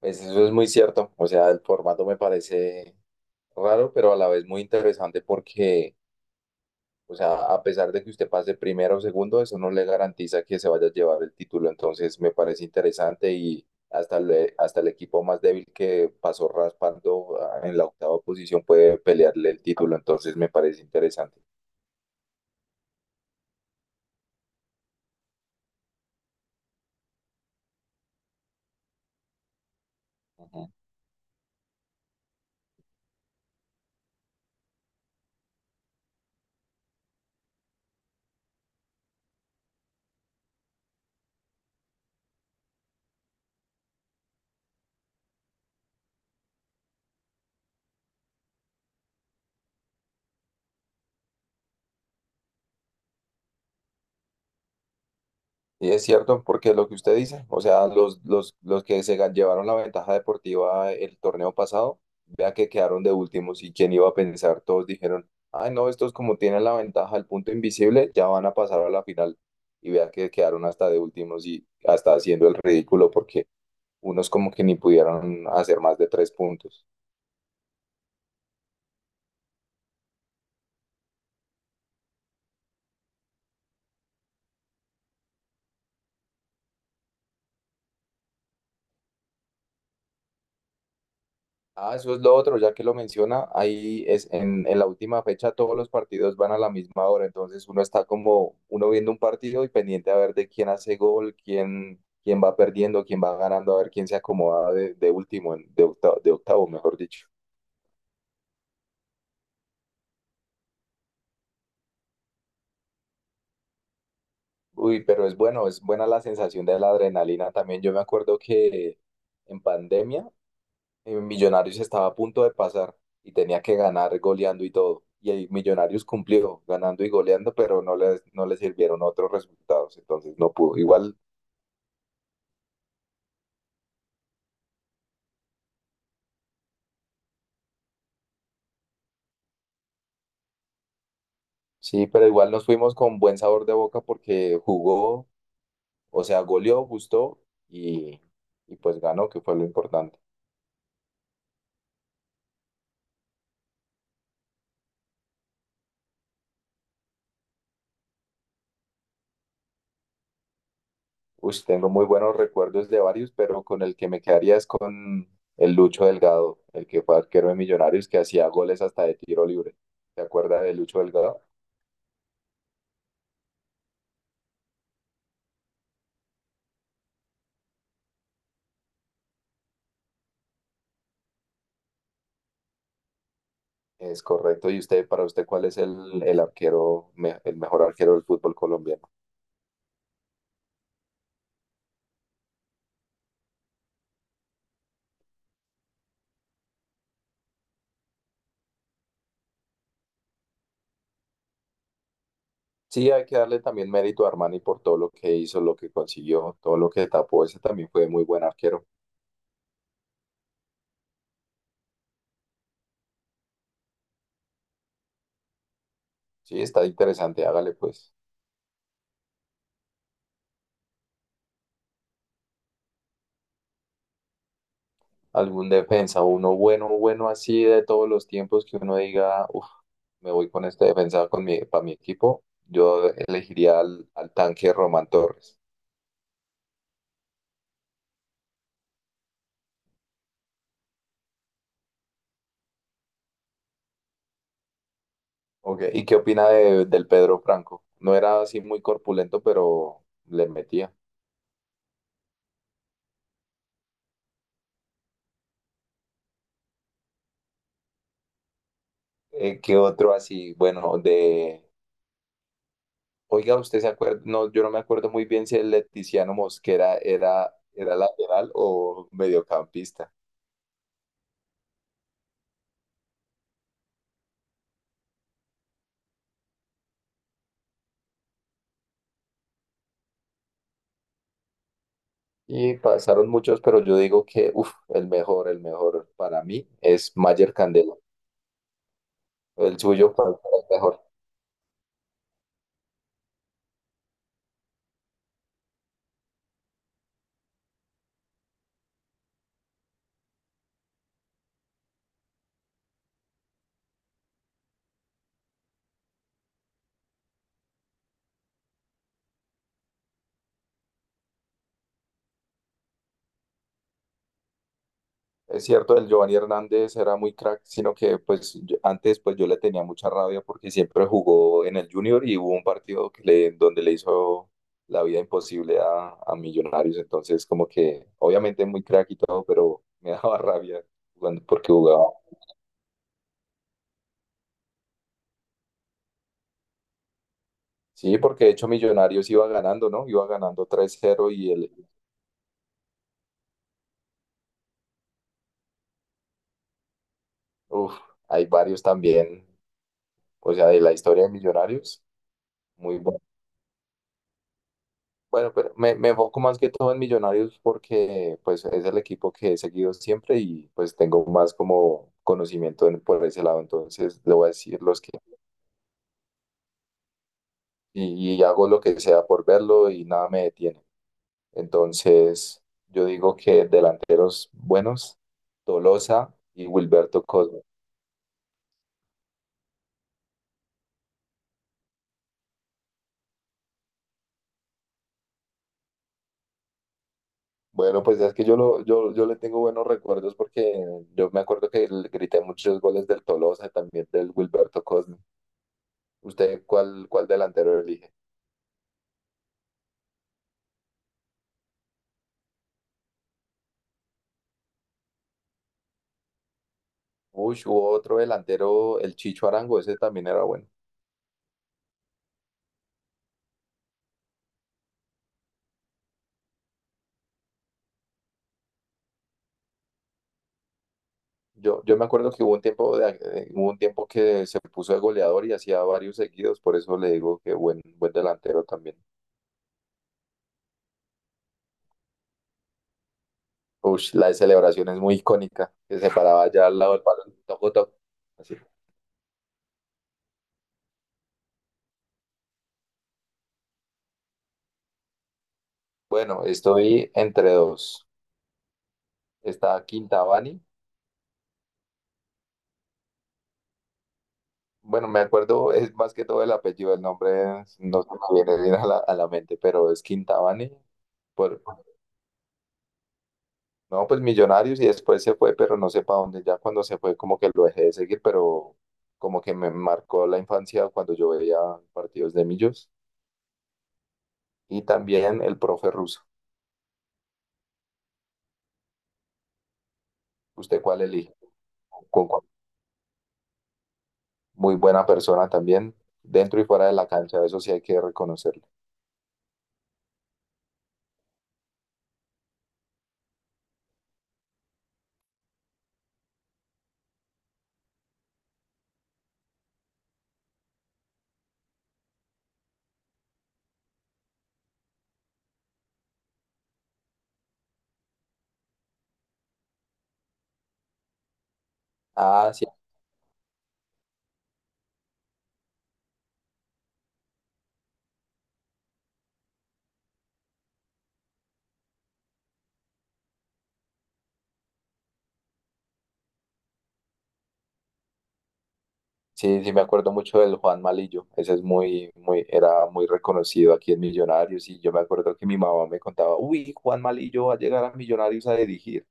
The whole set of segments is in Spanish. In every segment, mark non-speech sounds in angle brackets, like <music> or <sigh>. Pues eso es muy cierto, o sea, el formato me parece raro, pero a la vez muy interesante porque, o sea, a pesar de que usted pase primero o segundo, eso no le garantiza que se vaya a llevar el título, entonces me parece interesante y hasta el equipo más débil que pasó raspando en la octava posición puede pelearle el título, entonces me parece interesante. Ujú. Y es cierto, porque lo que usted dice, o sea, los que llevaron la ventaja deportiva el torneo pasado, vea que quedaron de últimos y quién iba a pensar, todos dijeron, ay no, estos como tienen la ventaja del punto invisible, ya van a pasar a la final. Y vea que quedaron hasta de últimos y hasta haciendo el ridículo porque unos como que ni pudieron hacer más de tres puntos. Ah, eso es lo otro, ya que lo menciona, ahí es en la última fecha todos los partidos van a la misma hora, entonces uno está como uno viendo un partido y pendiente a ver de quién hace gol, quién va perdiendo, quién va ganando, a ver quién se acomoda de último, de octavo, mejor dicho. Uy, pero es bueno, es buena la sensación de la adrenalina también. Yo me acuerdo que en pandemia Millonarios estaba a punto de pasar y tenía que ganar goleando y todo. Y el Millonarios cumplió ganando y goleando, pero no le sirvieron otros resultados, entonces no pudo. Igual, sí, pero igual nos fuimos con buen sabor de boca porque jugó, o sea, goleó, gustó y, y pues ganó, que fue lo importante. Uy, tengo muy buenos recuerdos de varios, pero con el que me quedaría es con el Lucho Delgado, el que fue arquero de Millonarios que hacía goles hasta de tiro libre. ¿Te acuerdas de Lucho Delgado? Es correcto. ¿Y usted, para usted, cuál es el mejor arquero del fútbol colombiano? Sí, hay que darle también mérito a Armani por todo lo que hizo, lo que consiguió, todo lo que tapó. Ese también fue muy buen arquero. Sí, está interesante. Hágale pues algún defensa, uno bueno, bueno así de todos los tiempos que uno diga, uff, me voy con este defensa para mi equipo. Yo elegiría al tanque Román Torres. Ok. ¿Y qué opina del Pedro Franco? No era así muy corpulento, pero le metía. ¿Qué otro así? Bueno, de... Oiga, ¿usted se acuerda? No, yo no me acuerdo muy bien si el Leticiano Mosquera era lateral o mediocampista. Y pasaron muchos, pero yo digo que, uff, el mejor para mí es Mayer Candelo. El suyo, ¿cuál fue el mejor? Es cierto, el Giovanni Hernández era muy crack, sino que antes pues yo le tenía mucha rabia porque siempre jugó en el Junior y hubo un partido que le, donde le hizo la vida imposible a Millonarios, entonces como que obviamente muy crack y todo, pero me <laughs> daba rabia jugando porque jugaba. Sí, porque de hecho Millonarios iba ganando, ¿no? Iba ganando 3-0 y el, uf, hay varios también, o sea, de la historia de Millonarios, muy buenos. Bueno, pero me enfoco más que todo en Millonarios porque pues es el equipo que he seguido siempre y pues tengo más como conocimiento por ese lado, entonces le voy a decir los que y hago lo que sea por verlo y nada me detiene. Entonces yo digo que delanteros buenos, Tolosa y Wilberto Cosme. Bueno, pues es que yo le tengo buenos recuerdos porque yo me acuerdo que le grité muchos goles del Tolosa y también del Wilberto Cosme. ¿Usted cuál delantero elige? Uy, sí, hubo otro delantero, el Chicho Arango, ese también era bueno. Yo me acuerdo que hubo un tiempo que se puso de goleador y hacía varios seguidos, por eso le digo que buen delantero también. Uy, la celebración es muy icónica, que se paraba allá al lado del balón, toco, toco. Así. Bueno, estoy entre dos. Está Quintabani. Bueno, me acuerdo, es más que todo el apellido, no se me viene bien a la mente, pero es Quintabani. Por, No, pues Millonarios y después se fue, pero no sé para dónde. Ya cuando se fue, como que lo dejé de seguir, pero como que me marcó la infancia cuando yo veía partidos de Millos. Y también el profe ruso. ¿Usted cuál elige? Con cuál- Muy buena persona también, dentro y fuera de la cancha, eso sí hay que reconocerlo. Ah, sí, sí, sí, me acuerdo mucho del Juan Malillo. Ese es muy, era muy reconocido aquí en Millonarios. Y yo me acuerdo que mi mamá me contaba, uy, Juan Malillo va a llegar a Millonarios a dirigir.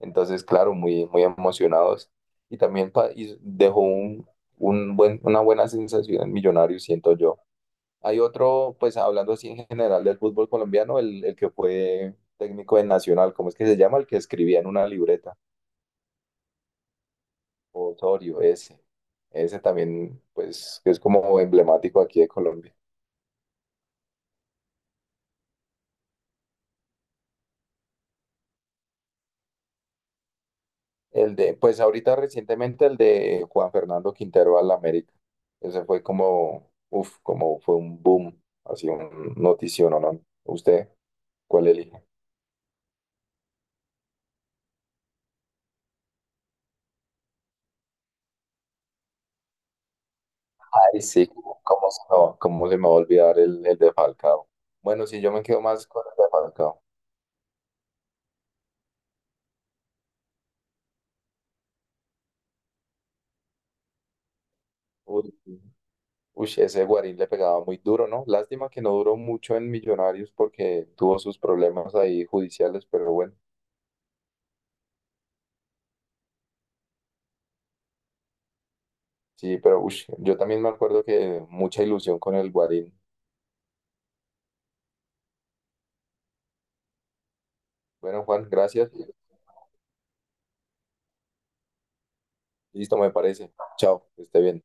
Entonces, claro, muy emocionados. Y también y dejó un buen, una buena sensación en Millonarios, siento yo. Hay otro, pues hablando así en general del fútbol colombiano, el que fue técnico de Nacional, ¿cómo es que se llama? El que escribía en una libreta, Osorio, ese. Ese también, pues, que es como emblemático aquí de Colombia. El de, pues ahorita recientemente el de Juan Fernando Quintero al América. Ese fue como, uff, como fue un boom, así un notición, ¿no? ¿Usted cuál elige? Ay, sí, cómo cómo se me va, cómo se me va a olvidar el de Falcao. Bueno, sí yo me quedo más con el de Falcao. Uy, sí. Uy, ese Guarín le pegaba muy duro, ¿no? Lástima que no duró mucho en Millonarios porque tuvo sus problemas ahí judiciales, pero bueno, sí, pero uy, yo también me acuerdo que mucha ilusión con el Guarín. Bueno, Juan, gracias. Listo, me parece. Chao, que esté bien.